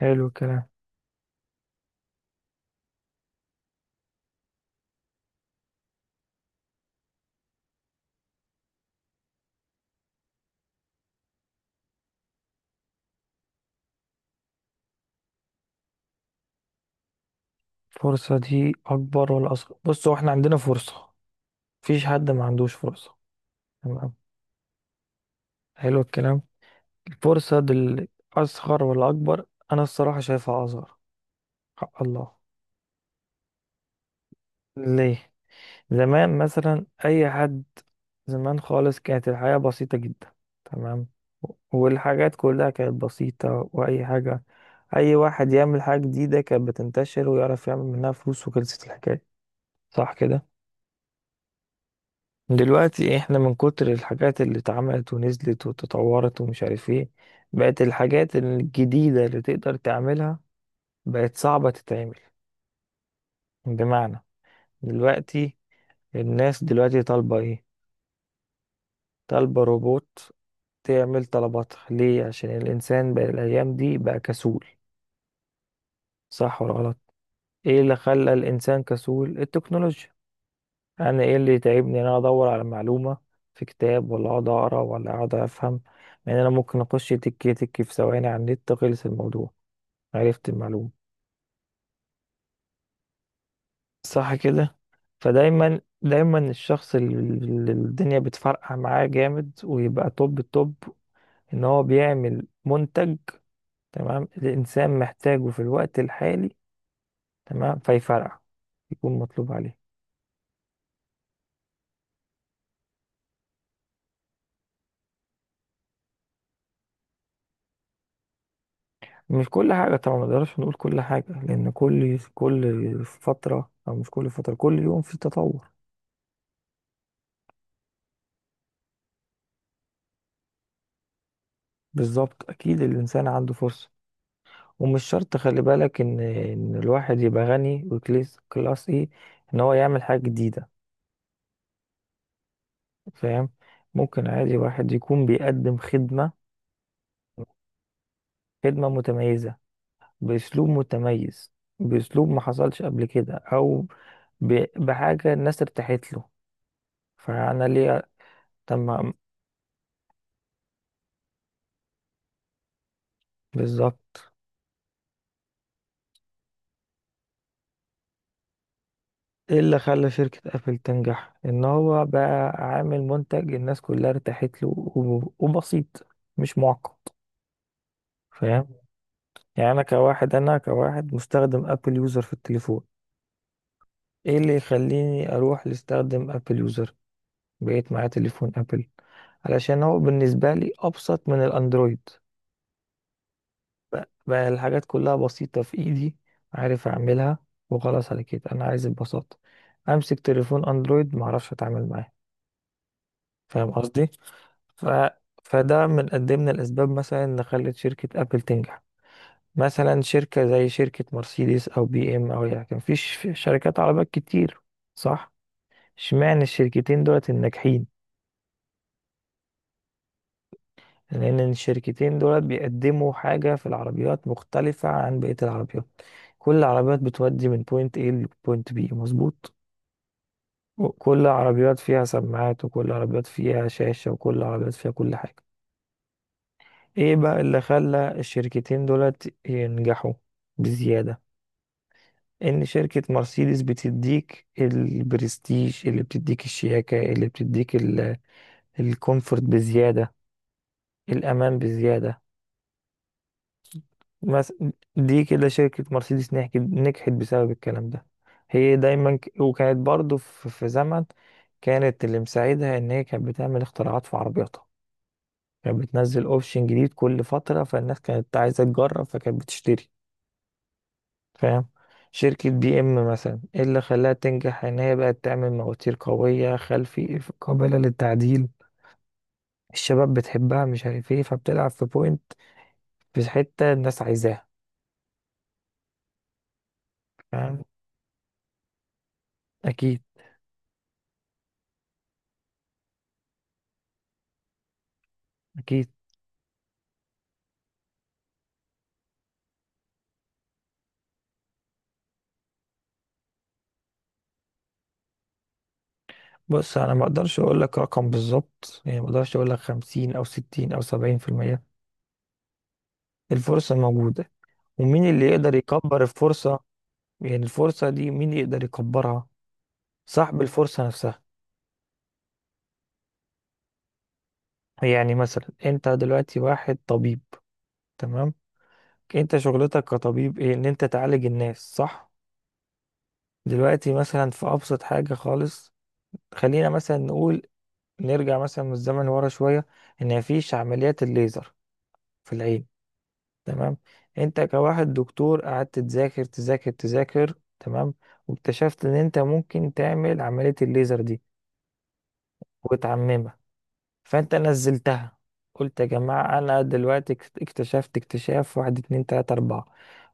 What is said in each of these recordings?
حلو الكلام. الفرصة دي أكبر ولا أصغر؟ بص، هو احنا عندنا فرصة. مفيش حد ما عندوش فرصة. تمام. حلو الكلام. الفرصة دي أصغر ولا أكبر؟ أنا الصراحة شايفها أصغر. حق الله. ليه؟ زمان مثلا أي حد، زمان خالص كانت الحياة بسيطة جدا. تمام. والحاجات كلها كانت بسيطة، وأي حاجة، أي واحد يعمل حاجة جديدة كانت بتنتشر ويعرف يعمل منها فلوس، وخلصت الحكاية. صح كده. دلوقتي احنا من كتر الحاجات اللي اتعملت ونزلت وتطورت ومش عارف ايه، بقت الحاجات الجديدة اللي تقدر تعملها بقت صعبة تتعمل. بمعنى، دلوقتي، الناس دلوقتي طالبة ايه؟ طالبة روبوت تعمل طلباتها. ليه؟ عشان الانسان بقى الايام دي بقى كسول. صح ولا غلط؟ ايه اللي خلى الانسان كسول؟ التكنولوجيا. انا ايه اللي يتعبني؟ ان انا ادور على معلومه في كتاب، ولا اقعد اقرا، ولا اقعد افهم. يعني انا ممكن اخش تك تك في ثواني على النت، خلص الموضوع، عرفت المعلومه. صح كده. فدايما الشخص اللي الدنيا بتفرقع معاه جامد ويبقى توب التوب، ان هو بيعمل منتج، تمام، الانسان محتاجه في الوقت الحالي، تمام، فيفرقع، يكون مطلوب عليه. مش كل حاجة طبعا، ما نقدرش نقول كل حاجة، لأن كل فترة، أو مش كل فترة، كل يوم في تطور. بالظبط، أكيد الإنسان عنده فرصة. ومش شرط، خلي بالك، إن الواحد يبقى غني وكلاس إيه، إن هو يعمل حاجة جديدة. فاهم. ممكن عادي واحد يكون بيقدم خدمة، خدمة متميزة، بأسلوب متميز، بأسلوب ما حصلش قبل كده، أو بحاجة الناس ارتاحت له. فأنا ليه؟ طب ما- بالظبط. ايه اللي خلى شركة ابل تنجح؟ ان هو بقى عامل منتج الناس كلها ارتاحت له، وبسيط، مش معقد. فاهم. يعني انا كواحد مستخدم ابل يوزر في التليفون. ايه اللي يخليني اروح لاستخدم ابل يوزر؟ بقيت معايا تليفون ابل علشان هو بالنسبة لي ابسط من الاندرويد. بقى الحاجات كلها بسيطة في ايدي، عارف اعملها، وخلاص. على كده انا عايز البساطة. امسك تليفون اندرويد معرفش اتعامل معاه. فاهم قصدي. ف... فده من قد إيه من الأسباب مثلا اللي خلت شركة أبل تنجح. مثلا شركة زي شركة مرسيدس أو بي إم، أو يعني كان في في شركات عربيات كتير، صح؟ اشمعنى الشركتين دولت الناجحين؟ لأن الشركتين دولت بيقدموا حاجة في العربيات مختلفة عن بقية العربيات. كل العربيات بتودي من بوينت A لبوينت B، مظبوط؟ وكل عربيات فيها سماعات، وكل عربيات فيها شاشة، وكل عربيات فيها كل حاجة. ايه بقى اللي خلى الشركتين دولت ينجحوا بزيادة؟ ان شركة مرسيدس بتديك البرستيج، اللي بتديك الشياكة، اللي بتديك الكومفورت بزيادة، الامان بزيادة، مس- دي كده شركة مرسيدس نحكت نجحت بسبب الكلام ده. هي دايما وكانت برضو في زمن، كانت اللي مساعدها ان هي كانت بتعمل اختراعات في عربياتها. كانت بتنزل اوبشن جديد كل فترة، فالناس كانت عايزة تجرب، فكانت بتشتري. فاهم. شركة بي ام مثلا، ايه اللي خلاها تنجح؟ ان هي بقت تعمل مواتير قوية خلفي قابلة للتعديل، الشباب بتحبها، مش عارف ايه، فبتلعب في بوينت، في حتة الناس عايزاها. فاهم. اكيد. اكيد. بص، انا ما اقدرش اقول لك رقم بالظبط. يعني ما اقدرش اقول لك 50 او 60 او 70%. الفرصة موجودة. ومين اللي يقدر يكبر الفرصة؟ يعني الفرصة دي مين يقدر يكبرها؟ صاحب الفرصة نفسها. يعني مثلا انت دلوقتي واحد طبيب، تمام. انت شغلتك كطبيب ايه؟ ان انت تعالج الناس، صح. دلوقتي مثلا، في ابسط حاجة خالص، خلينا مثلا نقول، نرجع مثلا من الزمن ورا شوية ان مفيش عمليات الليزر في العين، تمام. انت كواحد دكتور قعدت تذاكر تذاكر تذاكر، تمام، واكتشفت ان انت ممكن تعمل عملية الليزر دي وتعممها. فانت نزلتها، قلت يا جماعة انا دلوقتي اكتشفت اكتشاف، واحد اتنين تلاتة اربعة،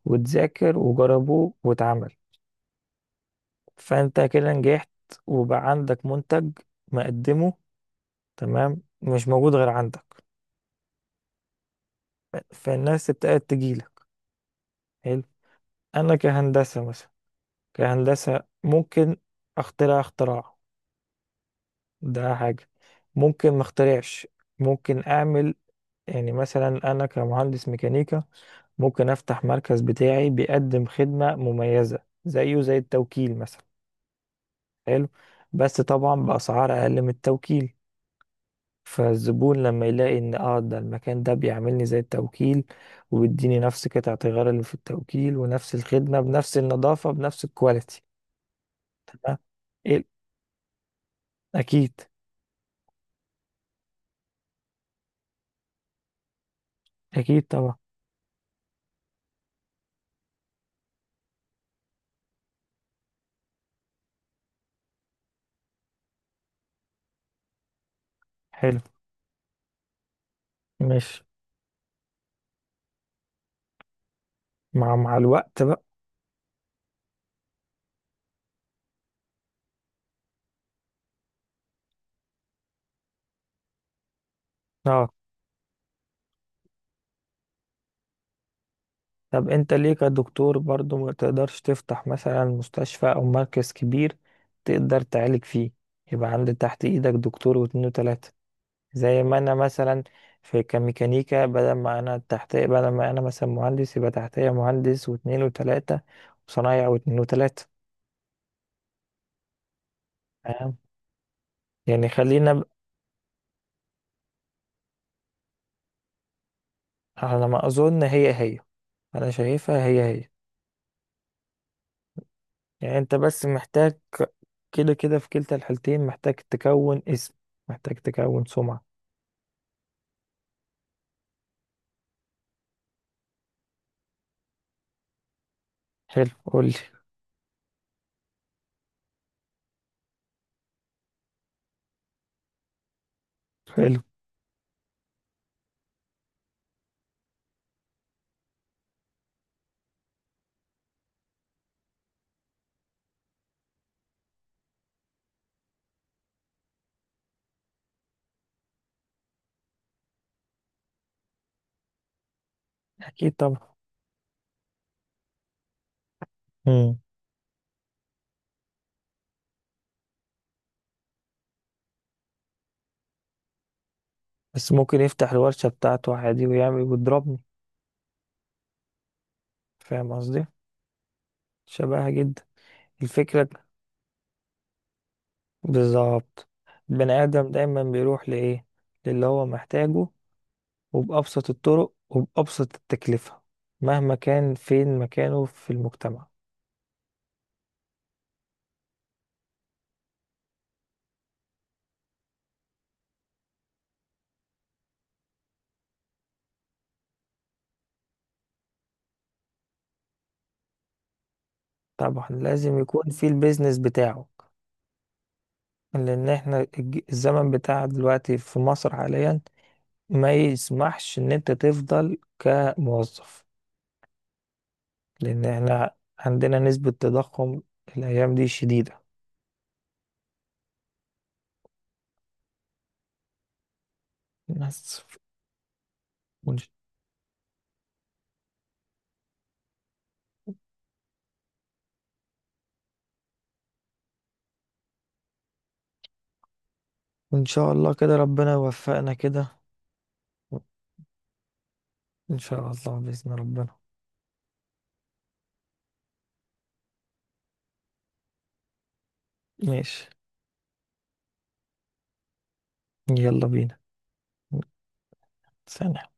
وتذاكر وجربوه واتعمل. فانت كده نجحت، وبقى عندك منتج مقدمه، تمام، مش موجود غير عندك. فالناس ابتدت تجيلك. حلو. انا كهندسة مثلا، كهندسة، ممكن اخترع اختراع، ده حاجة. ممكن ما اخترعش، ممكن اعمل. يعني مثلا انا كمهندس ميكانيكا، ممكن افتح مركز بتاعي بيقدم خدمة مميزة، زيه زي التوكيل مثلا. حلو. بس طبعا بأسعار اقل من التوكيل. فالزبون لما يلاقي ان اه ده المكان ده بيعملني زي التوكيل وبيديني نفس قطعة الغيار اللي في التوكيل، ونفس الخدمة، بنفس النظافة، بنفس الكواليتي. تمام؟ إيه؟ اكيد. اكيد طبعا. حلو. ماشي. مع الوقت بقى. اه. طب انت ليه كدكتور برضو ما تقدرش تفتح مثلا مستشفى او مركز كبير تقدر تعالج فيه، يبقى عند تحت ايدك دكتور واتنين وتلاتة؟ زي ما انا مثلا في كميكانيكا، بدل ما انا تحتيه، بدل ما انا مثلا مهندس، يبقى تحتيه مهندس واتنين وتلاتة، وصنايع واتنين وتلاتة. تمام. يعني خلينا على ما اظن هي هي. انا شايفها هي هي. يعني انت بس محتاج، كده كده في كلتا الحالتين محتاج تكون اسم، محتاج تكون سمعة. حلو، قولي. حلو. اكيد طبعا. مم. بس ممكن يفتح الورشة بتاعته عادي ويعمل ويضربني. فاهم قصدي. شبهها جدا. الفكرة. بالظبط. البني آدم دايما بيروح لإيه؟ للي هو محتاجه، وبأبسط الطرق، وبأبسط التكلفة، مهما كان فين مكانه في المجتمع. طبعا لازم يكون في البيزنس بتاعه. لأن احنا الزمن بتاع دلوقتي في مصر حاليا ما يسمحش إن أنت تفضل كموظف. لأن احنا عندنا نسبة تضخم الأيام دي شديدة. بس. وإن وإن شاء الله كده ربنا يوفقنا كده. إن شاء الله بإذن ربنا. ماشي. يلا بينا. ثانية.